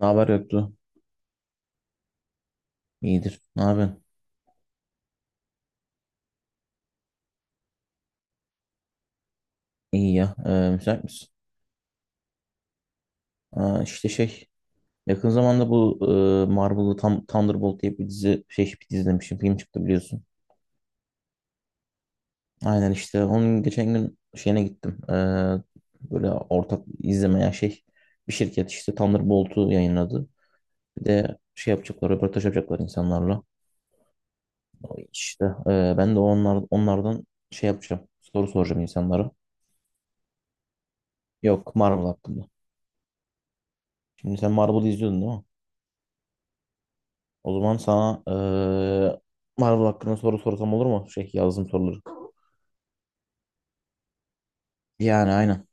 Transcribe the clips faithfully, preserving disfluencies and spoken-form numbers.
Ne haber yoktu? İyidir. Ne yapıyorsun? İyi ya. Ee, müsait misin? Aa, işte şey. Yakın zamanda bu e, Marvel'lı Tam- Thunderbolt diye bir dizi şey bir dizi demişim. Film çıktı biliyorsun. Aynen işte. Onun geçen gün şeyine gittim. Ee, böyle ortak izlemeye şey. Bir şirket işte Thunderbolt'u yayınladı. Bir de şey yapacaklar. Röportaj yapacaklar insanlarla. İşte e, ben de onlar, onlardan şey yapacağım. Soru soracağım insanlara. Yok Marvel hakkında. Şimdi sen Marvel'ı izliyordun değil mi? O zaman sana eee Marvel hakkında soru sorsam olur mu? Şey yazdığım soruları. Yani aynen.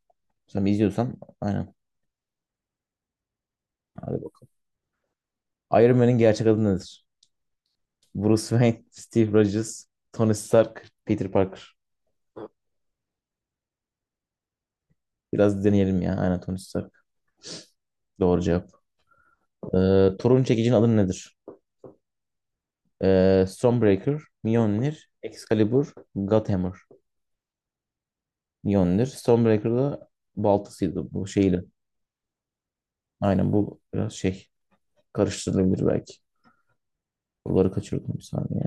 Sen izliyorsan aynen. Hadi bakalım. Iron Man'in gerçek adı nedir? Bruce Wayne, Steve Rogers, Tony Stark, Peter Parker. Biraz deneyelim ya. Aynen Tony Stark. Doğru cevap. Ee, Thor'un çekicinin adı nedir? Ee, Stormbreaker, Mjolnir, Excalibur, Godhammer. Mjolnir. Stormbreaker da baltasıydı bu şeyle. Aynen, bu biraz şey karıştırılabilir belki. Buraları kaçırdım bir saniye.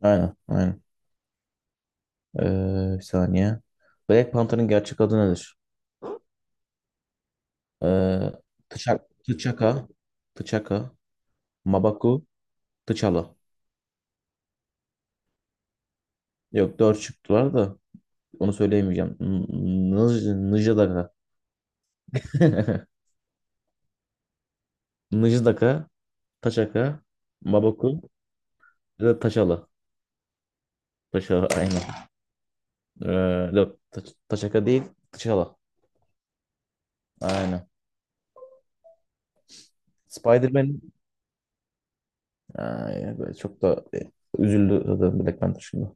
Aynen, aynen. Ee, bir saniye. Black Panther'ın gerçek adı nedir? Ee, T'Chak- T'Chaka, T'Chaka, Mabaku, T'Challa. Yok dört çıktılar da onu söyleyemeyeceğim. N- N- Nıjdaka. Nıjdaka, Taçaka, Mabaku ya da Taçala. Taçala aynen. Ee, Yok Ta- Taçaka değil, Taçala. Aynen. Spider-Man. Ay, böyle çok da e, üzüldü zaten Black Panther şimdi.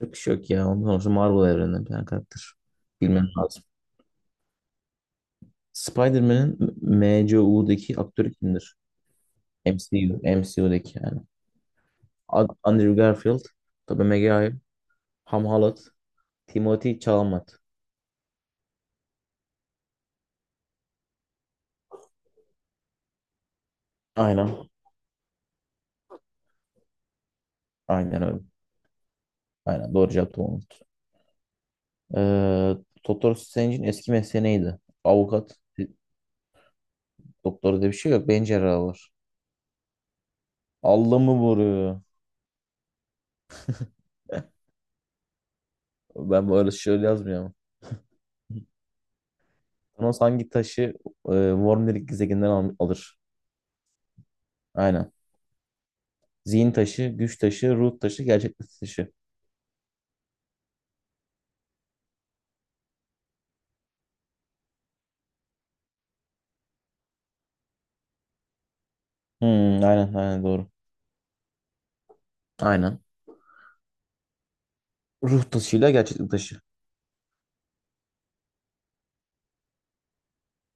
Çok iş yok ya. Ondan sonra Marvel evreninden bir tane karakter. Bilmem lazım. Spider-Man'in M C U'daki aktörü kimdir? M C U, M C U'daki yani. Ad- Andrew Garfield, Tobey Maguire, Tom Holland, Timothy Chalamet. Aynen. Aynen öyle. Aynen doğru cevap Tom Holland. Ee, Doktor Strange'in eski mesleği neydi? Avukat, e, doktor diye bir şey yok. Beyin cerrahı var. Allah mı vuruyor? Ben böyle şöyle yazmıyorum. Thanos hangi taşı e, Worm'lik gezegeninden al- alır? Aynen. Zihin taşı, güç taşı, ruh taşı, gerçeklik taşı. Hmm, aynen aynen doğru. Aynen. Ruh taşıyla gerçeklik taşı.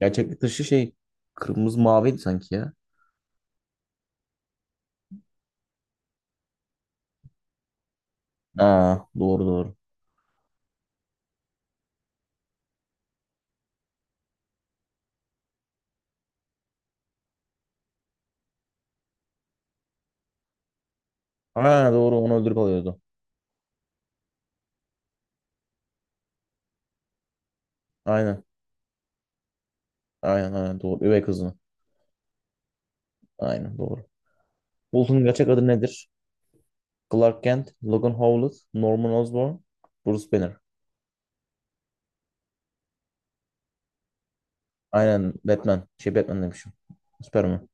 Gerçeklik taşı şey kırmızı maviydi sanki ya. Aa, doğru doğru. Aa, doğru onu öldürüp alıyordu. Aynen. Aynen aynen doğru. Üvey kızını. Aynen doğru. Bulut'un gerçek adı nedir? Clark Kent, Logan Howlett, Norman Osborn, Bruce Banner. Aynen Batman. Şey Batman demişim. Superman.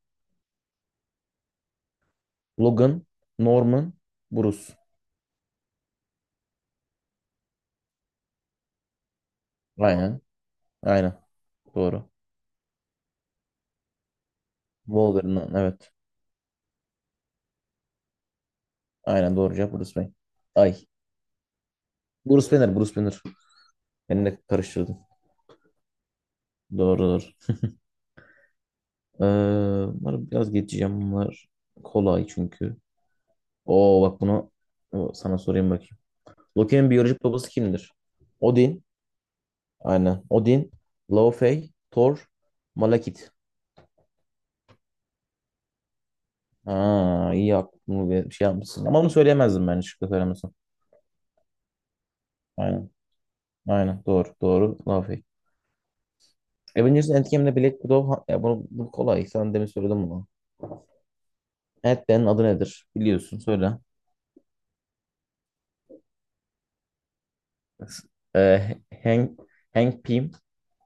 Logan, Norman, Bruce. Aynen. Aynen. Doğru. Wolverine. Evet. Aynen doğru cevap Bruce Wayne. Ay. Bruce Banner, Bruce Banner. Beni de karıştırdım. Doğru doğru. Ee, bunları biraz geçeceğim. Bunlar kolay çünkü. Oo bak bunu o, sana sorayım bakayım. Loki'nin biyolojik babası kimdir? Odin. Aynen. Odin, Laufey, Thor, Malekith. Aa, iyi aklımı bir şey yapmışsın. Ama bunu söyleyemezdim ben şıkkı söylemesem. Aynen. Aynen. Doğru. Doğru. Laufey. Avengers Endgame'de Black Widow ha- ya bunu, bu kolay. Sen demin söyledim bunu. Ant-Man'in adı nedir? Biliyorsun söyle. Ee, Hank, Hank Pym,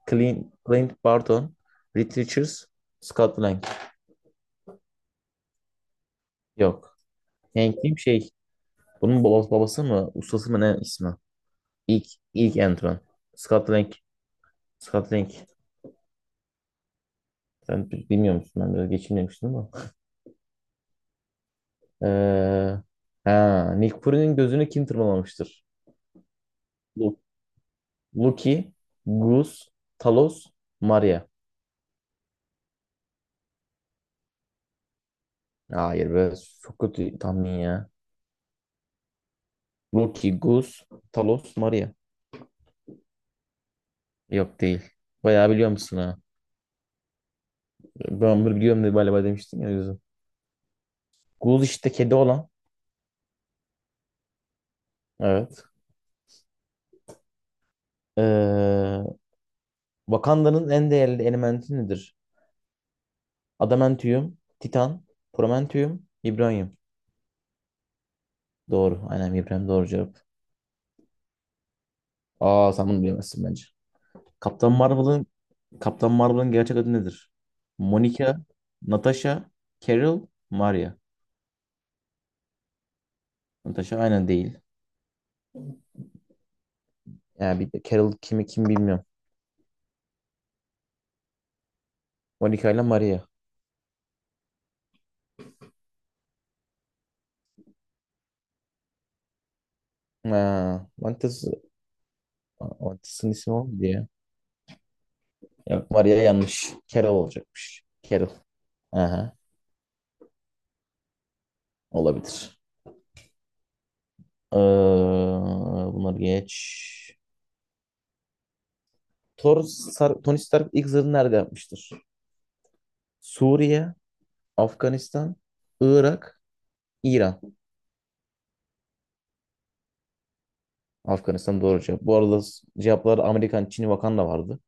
Clint, Clint Barton, Reed Richards, Scott Lang. Yok. Hank Pym şey, bunun babası, babası mı, ustası mı ne ismi? İlk, ilk Ant-Man. Scott Lang, Scott Lang. Sen bi- bilmiyor musun? Ben biraz geçeyim demiştim ama. Ee, ha, Nick Fury'nin gözünü kim tırmalamıştır? Lu- Loki, Goose, Talos, Maria. Hayır be, çok kötü tahmin ya. Loki, Goose, Talos, Maria. Yok değil. Bayağı biliyor musun ha? Ben bunu biliyorum diye galiba demiştin ya o yüzden. Gus işte kedi olan. Evet. Ee, Wakanda'nın en değerli elementi nedir? Adamantium, Titan, Prometheum, Vibranium. Doğru. Aynen Vibranium doğru cevap. Aa, sen bunu bilemezsin bence. Kaptan Marvel'ın Kaptan Marvel'ın gerçek adı nedir? Monica, Natasha, Carol, Maria. Natasha aynen değil. Yani bir de Carol kimi kim bilmiyorum. Monica ile Maria. Ha, Mantas, Mantas'ın ismi o mu diye. Yok Maria yanlış. Carol olacakmış. Carol. Aha, olabilir. Ee, Bunları geç. Thor, Sar- Tony Stark ilk zırhını nerede yapmıştır? Suriye, Afganistan, Irak, İran. Afganistan doğru cevap. Bu arada s- cevaplarda Amerikan, Çin, Vakanda vardı.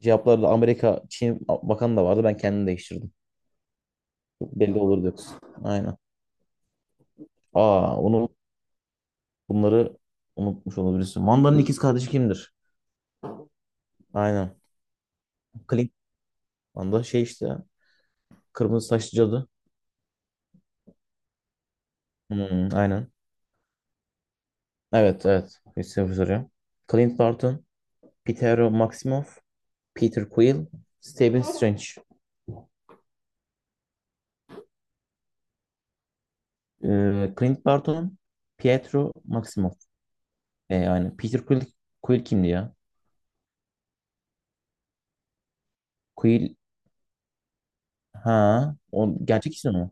Cevaplarda Amerika, Çin, Vakanda vardı. Ben kendim değiştirdim. Çok belli olurdu yoksa. Aynen. Aa, bunu Bunları unutmuş olabilirsin. Wanda'nın ikiz kardeşi kimdir? Aynen. Clint. Wanda şey işte. Kırmızı saçlı cadı. Hmm, aynen. Evet evet. Christopher soruyor. Clint Barton, Pietro Maximoff, Peter Quill, Stephen Strange. Ee, Clint Barton, Pietro Maximoff. E, yani Peter Quill, Quill kimdi ya? Quill, ha o gerçek ismi mi?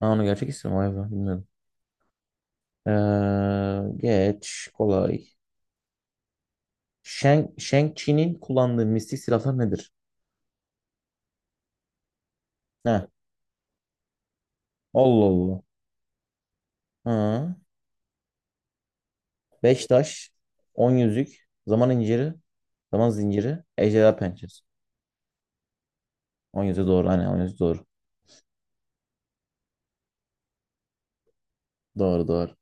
Ha onu gerçek ismi mi? Vay be bilmiyorum. Ee, geç kolay. Shang, Shang-Chi'nin kullandığı mistik silahlar nedir? He. Allah Allah. Ha. Beş taş, on yüzük, zaman inciri, zaman zinciri, ejderha pençesi. On yüzüğü doğru. Hani on yüzüğü doğru. Doğru doğru.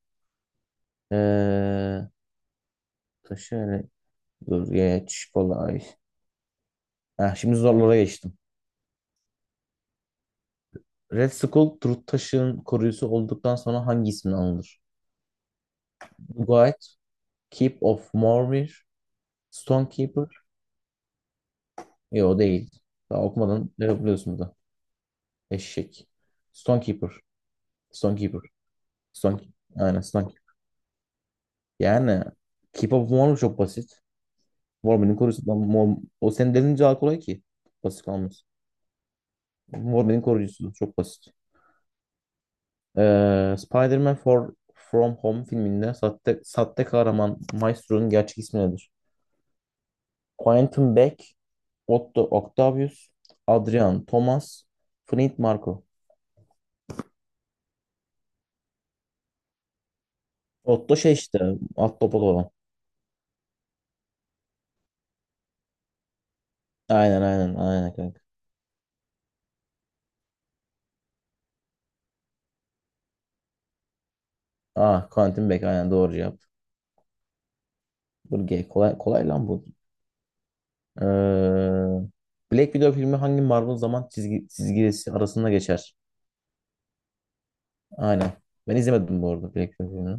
Ee, Taşı öyle. Dur geç. Kolay. Heh, şimdi zorlara geçtim. Red Skull, Truth Taşı'nın koruyucusu olduktan sonra hangi isimle anılır? Guide, Keep of Mormir, Stonekeeper. Yok o değil. Daha okumadan ne yapıyorsunuz? Eşek. Stonekeeper. Stonekeeper. Stone. Aynen Stonekeeper. Yani Keep Up Warm çok basit. Warm'in koruyucusu. Lan Warm- O senin dediğin daha kolay ki. Basit kalmaz. Warm'in koruyucusu çok basit. Ee, Spider-Man For... From Home filminde sahte, sahte kahraman Maestro'nun gerçek ismi nedir? Quentin Beck, Otto Octavius, Adrian Thomas, Flint Marko. Otto şey işte, at topal olan. Aynen aynen aynen kanka. Ah, Quentin Beck aynen doğru cevap. Dur G kolay kolay lan bu. Ee, Black Widow filmi hangi Marvel zaman çizgi, çizgisi arasında geçer? Aynen. Ben izlemedim bu arada Black Widow filmini.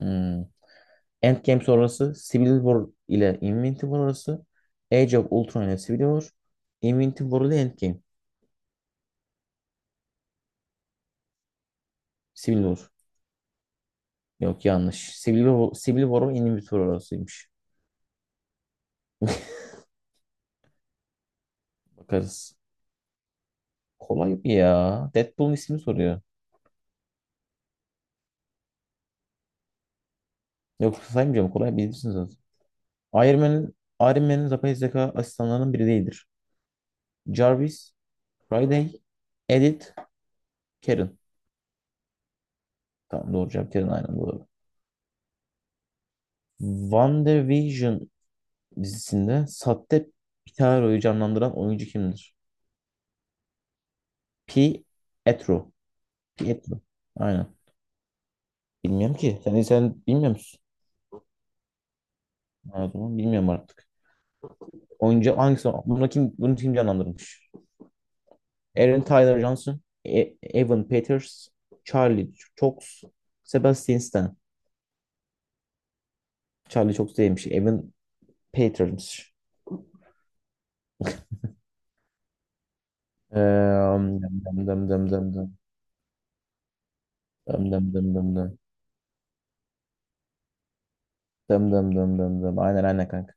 Hmm. Endgame sonrası Civil War ile Infinity War arası. Age of Ultron ile Civil War. Infinity War ile Endgame. Civil War. Yok yanlış. Civil War, Civil War ile Infinity War arasıymış. Bakarız. Kolay bir ya. Deadpool'un ismini soruyor. Yok saymayacağım. Kolay bilirsiniz zaten. Iron Man'in Iron Man'in yapay zeka asistanlarının biri değildir. Jarvis, Friday, Edith, Karen. Tamam doğru cevap Karen aynen doğru. WandaVision dizisinde sahte Pitaro'yu canlandıran oyuncu kimdir? Pietro. Pietro. Aynen. Bilmiyorum ki. Sen, sen bilmiyor musun? Ha, o bilmiyorum artık. Oyuncu hangisi? Bunu kim, bunu kim canlandırmış? Aaron Tyler Johnson, E- Evan Peters, Charlie Cox, Sebastian Stan. Charlie Cox değilmiş. Evan Peters'miş. Ee, Dem dem dem dem dem dem dem dem dem dem dem dem dem dem dem dem aynen aynen kanka.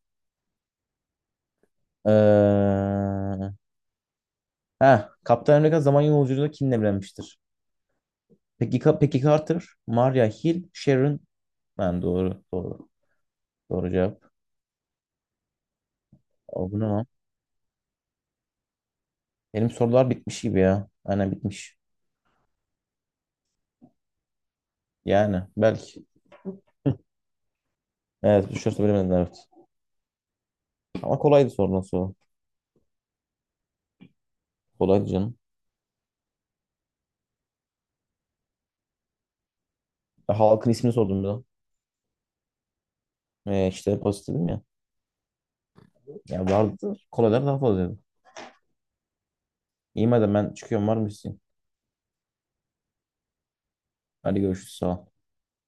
Ee, ha, Kaptan Amerika zaman yolculuğunda kimle evlenmiştir? Peki Ka- Peggy Carter, Maria Hill, Sharon. Ben doğru doğru doğru cevap. O bu ne lan? Benim sorular bitmiş gibi ya. Aynen bitmiş. Yani belki. Evet düşerse bilemedin evet. Ama kolaydı soru nasıl? O? Kolaydı canım. E, Halkın ismini sordum bir de. Ee, işte pozitifim ya. Ya vardı. Kolaylar daha fazlaydı. İyi madem ben çıkıyorum var mı? Hadi görüşürüz. Sağ ol.